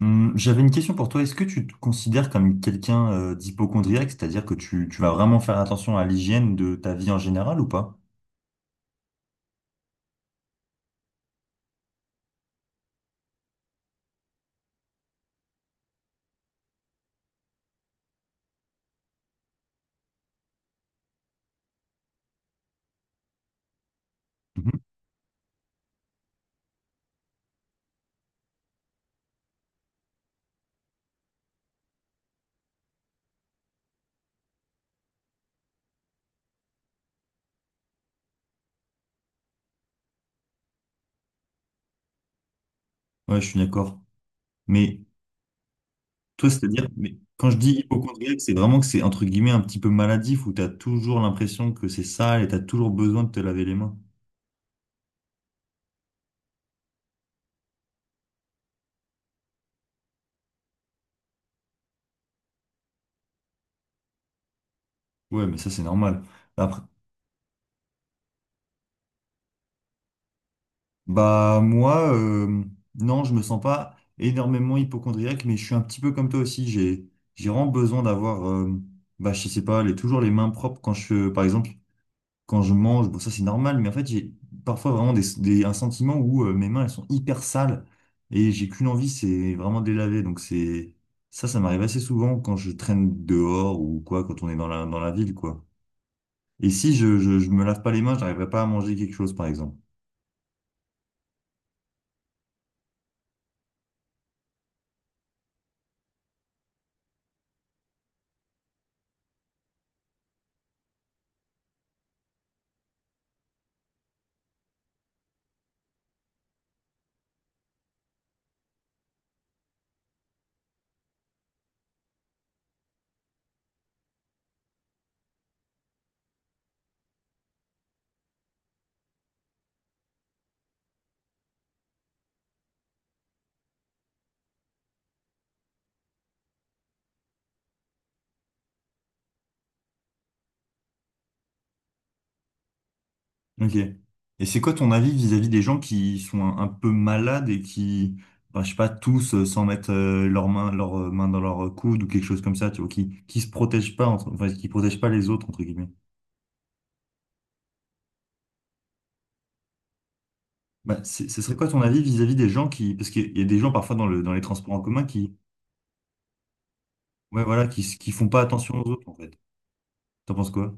J'avais une question pour toi. Est-ce que tu te considères comme quelqu'un d'hypocondriaque, c'est-à-dire que tu vas vraiment faire attention à l'hygiène de ta vie en général ou pas? Mhm. Ouais, je suis d'accord. Mais toi, c'est-à-dire, mais quand je dis hypocondriaque, c'est vraiment que c'est entre guillemets un petit peu maladif où tu as toujours l'impression que c'est sale et tu as toujours besoin de te laver les mains. Ouais, mais ça, c'est normal. Après, bah moi, non, je me sens pas énormément hypocondriaque, mais je suis un petit peu comme toi aussi. J'ai vraiment besoin d'avoir, bah je sais pas, les, toujours les mains propres quand je, par exemple, quand je mange. Bon, ça c'est normal, mais en fait j'ai parfois vraiment un sentiment où mes mains elles sont hyper sales et j'ai qu'une envie, c'est vraiment de les laver. Donc c'est ça, ça m'arrive assez souvent quand je traîne dehors ou quoi, quand on est dans la ville quoi. Et si je me lave pas les mains, j'arriverai pas à manger quelque chose par exemple. Ok. Et c'est quoi ton avis vis-à-vis des gens qui sont un peu malades et qui, enfin, je sais pas, tous sans mettre leurs mains dans leur coude ou quelque chose comme ça, tu vois, qui se protègent pas, enfin, qui protègent pas les autres, entre guillemets. Bah, ce serait quoi ton avis vis-à-vis des gens qui, parce qu'il y a des gens parfois dans le, dans les transports en commun qui, ouais, voilà, qui font pas attention aux autres, en fait. T'en penses quoi?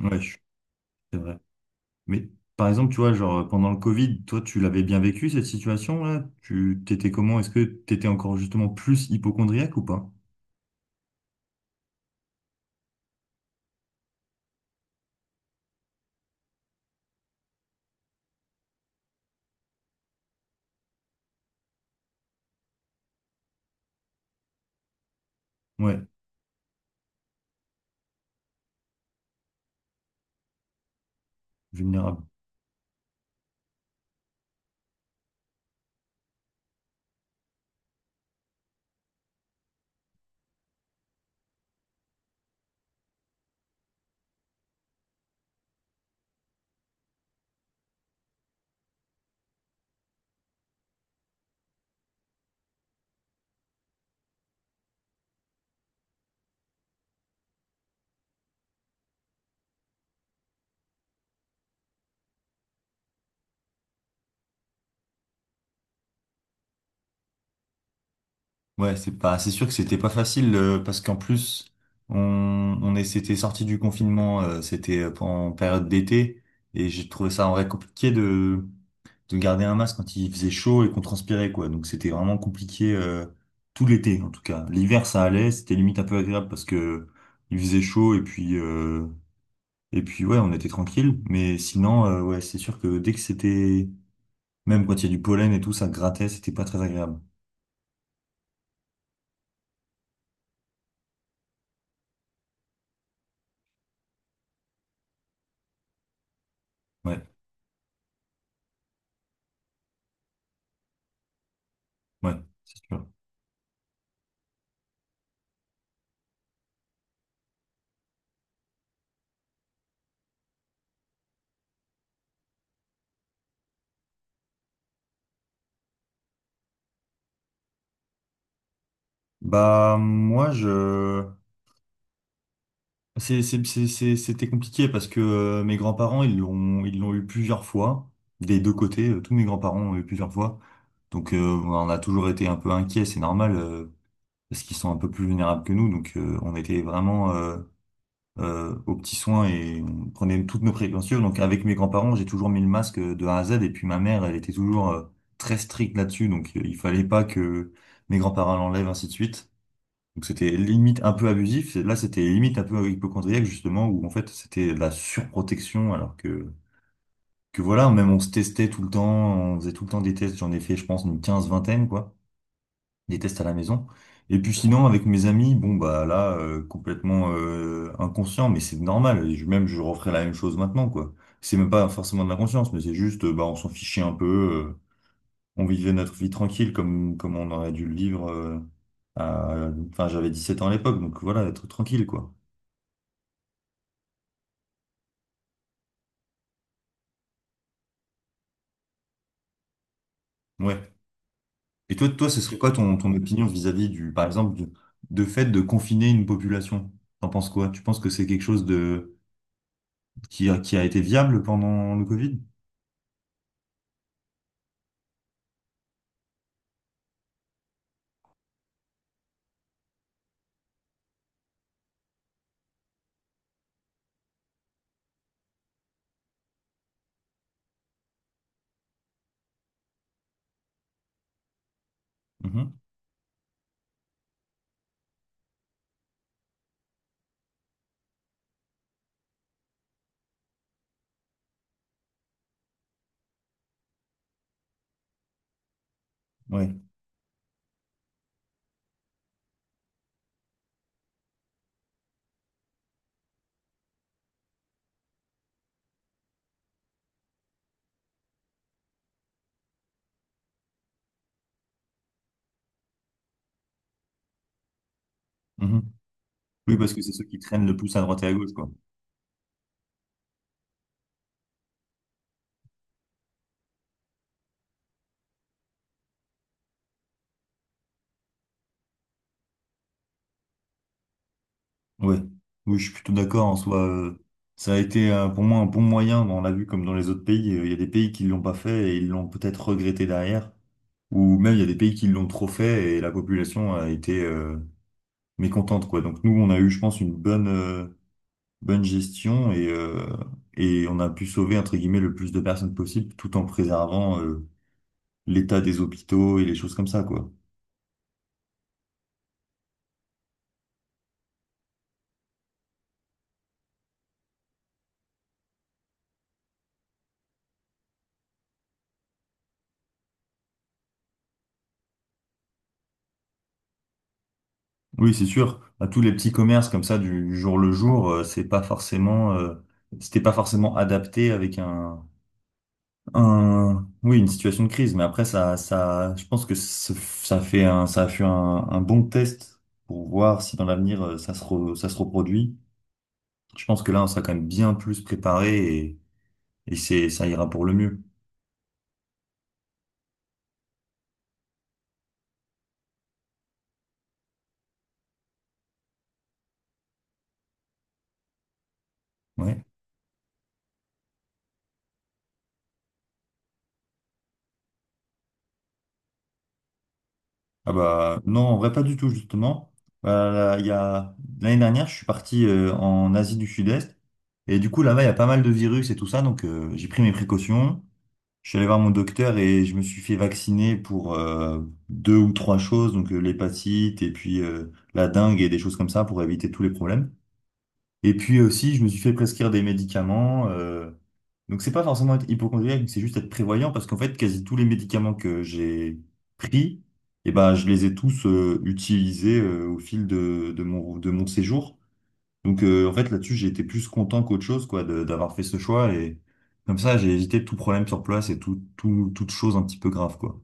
Ouais, je- c'est vrai. Mais par exemple, tu vois, genre, pendant le Covid, toi, tu l'avais bien vécu, cette situation-là? Tu t'étais comment? Est-ce que t'étais encore justement plus hypocondriaque ou pas? Ouais, vulnérable. Ouais, c'est pas, c'est sûr que c'était pas facile parce qu'en plus on, on est, c'était sorti du confinement, c'était en période d'été et j'ai trouvé ça en vrai compliqué de garder un masque quand il faisait chaud et qu'on transpirait quoi. Donc c'était vraiment compliqué tout l'été en tout cas. L'hiver ça allait, c'était limite un peu agréable parce que il faisait chaud et puis ouais, on était tranquille. Mais sinon ouais, c'est sûr que dès que c'était, même quand il y a du pollen et tout, ça grattait, c'était pas très agréable. Ouais. Ouais, c'est sûr. Bah, moi, je. C'était compliqué parce que mes grands-parents, ils l'ont eu plusieurs fois, des deux côtés. Tous mes grands-parents ont eu plusieurs fois. Donc, on en a toujours été un peu inquiets, c'est normal, parce qu'ils sont un peu plus vulnérables que nous. Donc, on était vraiment aux petits soins et on prenait toutes nos précautions. Donc, avec mes grands-parents, j'ai toujours mis le masque de A à Z. Et puis, ma mère, elle était toujours très stricte là-dessus. Donc, il fallait pas que mes grands-parents l'enlèvent, ainsi de suite. Donc c'était limite un peu abusif. Là, c'était limite un peu hypochondriaque, justement, où en fait, c'était de la surprotection, alors que voilà, même on se testait tout le temps, on faisait tout le temps des tests. J'en ai fait, je pense, une quinzaine vingtaine, quoi, des tests à la maison. Et puis sinon, avec mes amis, bon, bah là, complètement inconscient, mais c'est normal. Je, même, je referais la même chose maintenant, quoi. C'est même pas forcément de l'inconscience, mais c'est juste, bah, on s'en fichait un peu. On vivait notre vie tranquille comme, comme on aurait dû le vivre. Enfin, j'avais 17 ans à l'époque, donc voilà, être tranquille, quoi. Ouais. Et toi, toi, ce serait quoi ton, ton opinion vis-à-vis du, par exemple, du, de fait de confiner une population? T'en penses quoi? Tu penses que c'est quelque chose de, qui a été viable pendant le Covid? Mhm. Ouais. Mhm. Oui, parce que c'est ceux qui traînent le plus à droite et à gauche, quoi. Ouais. Oui, je suis plutôt d'accord en soi. Ça a été pour moi un bon moyen. Bon, on l'a vu comme dans les autres pays. Il y a des pays qui l'ont pas fait et ils l'ont peut-être regretté derrière. Ou même il y a des pays qui l'ont trop fait et la population a été mécontente quoi. Donc nous on a eu je pense une bonne bonne gestion et on a pu sauver entre guillemets le plus de personnes possible tout en préservant l'état des hôpitaux et les choses comme ça quoi. Oui, c'est sûr, à tous les petits commerces comme ça du jour le jour, c'est pas forcément c'était pas forcément adapté avec un oui, une situation de crise, mais après, ça, je pense que ça fait un, ça a fait un bon test pour voir si dans l'avenir ça se, ça se reproduit. Je pense que là, on sera quand même bien plus préparé et c'est, ça ira pour le mieux. Ouais. Ah bah, non, en vrai, pas du tout, justement. Là, il y a, l'année dernière, je suis parti en Asie du Sud-Est et du coup, là-bas, il y a pas mal de virus et tout ça, donc j'ai pris mes précautions. Je suis allé voir mon docteur et je me suis fait vacciner pour deux ou trois choses, donc l'hépatite et puis la dengue et des choses comme ça pour éviter tous les problèmes. Et puis aussi, je me suis fait prescrire des médicaments. Donc c'est pas forcément être hypochondriaque, mais c'est juste être prévoyant parce qu'en fait, quasi tous les médicaments que j'ai pris, eh ben, je les ai tous utilisés au fil de mon séjour. Donc en fait là-dessus j'ai été plus content qu'autre chose quoi d'avoir fait ce choix et comme ça j'ai évité tout problème sur place et tout, tout, toute chose un petit peu grave quoi.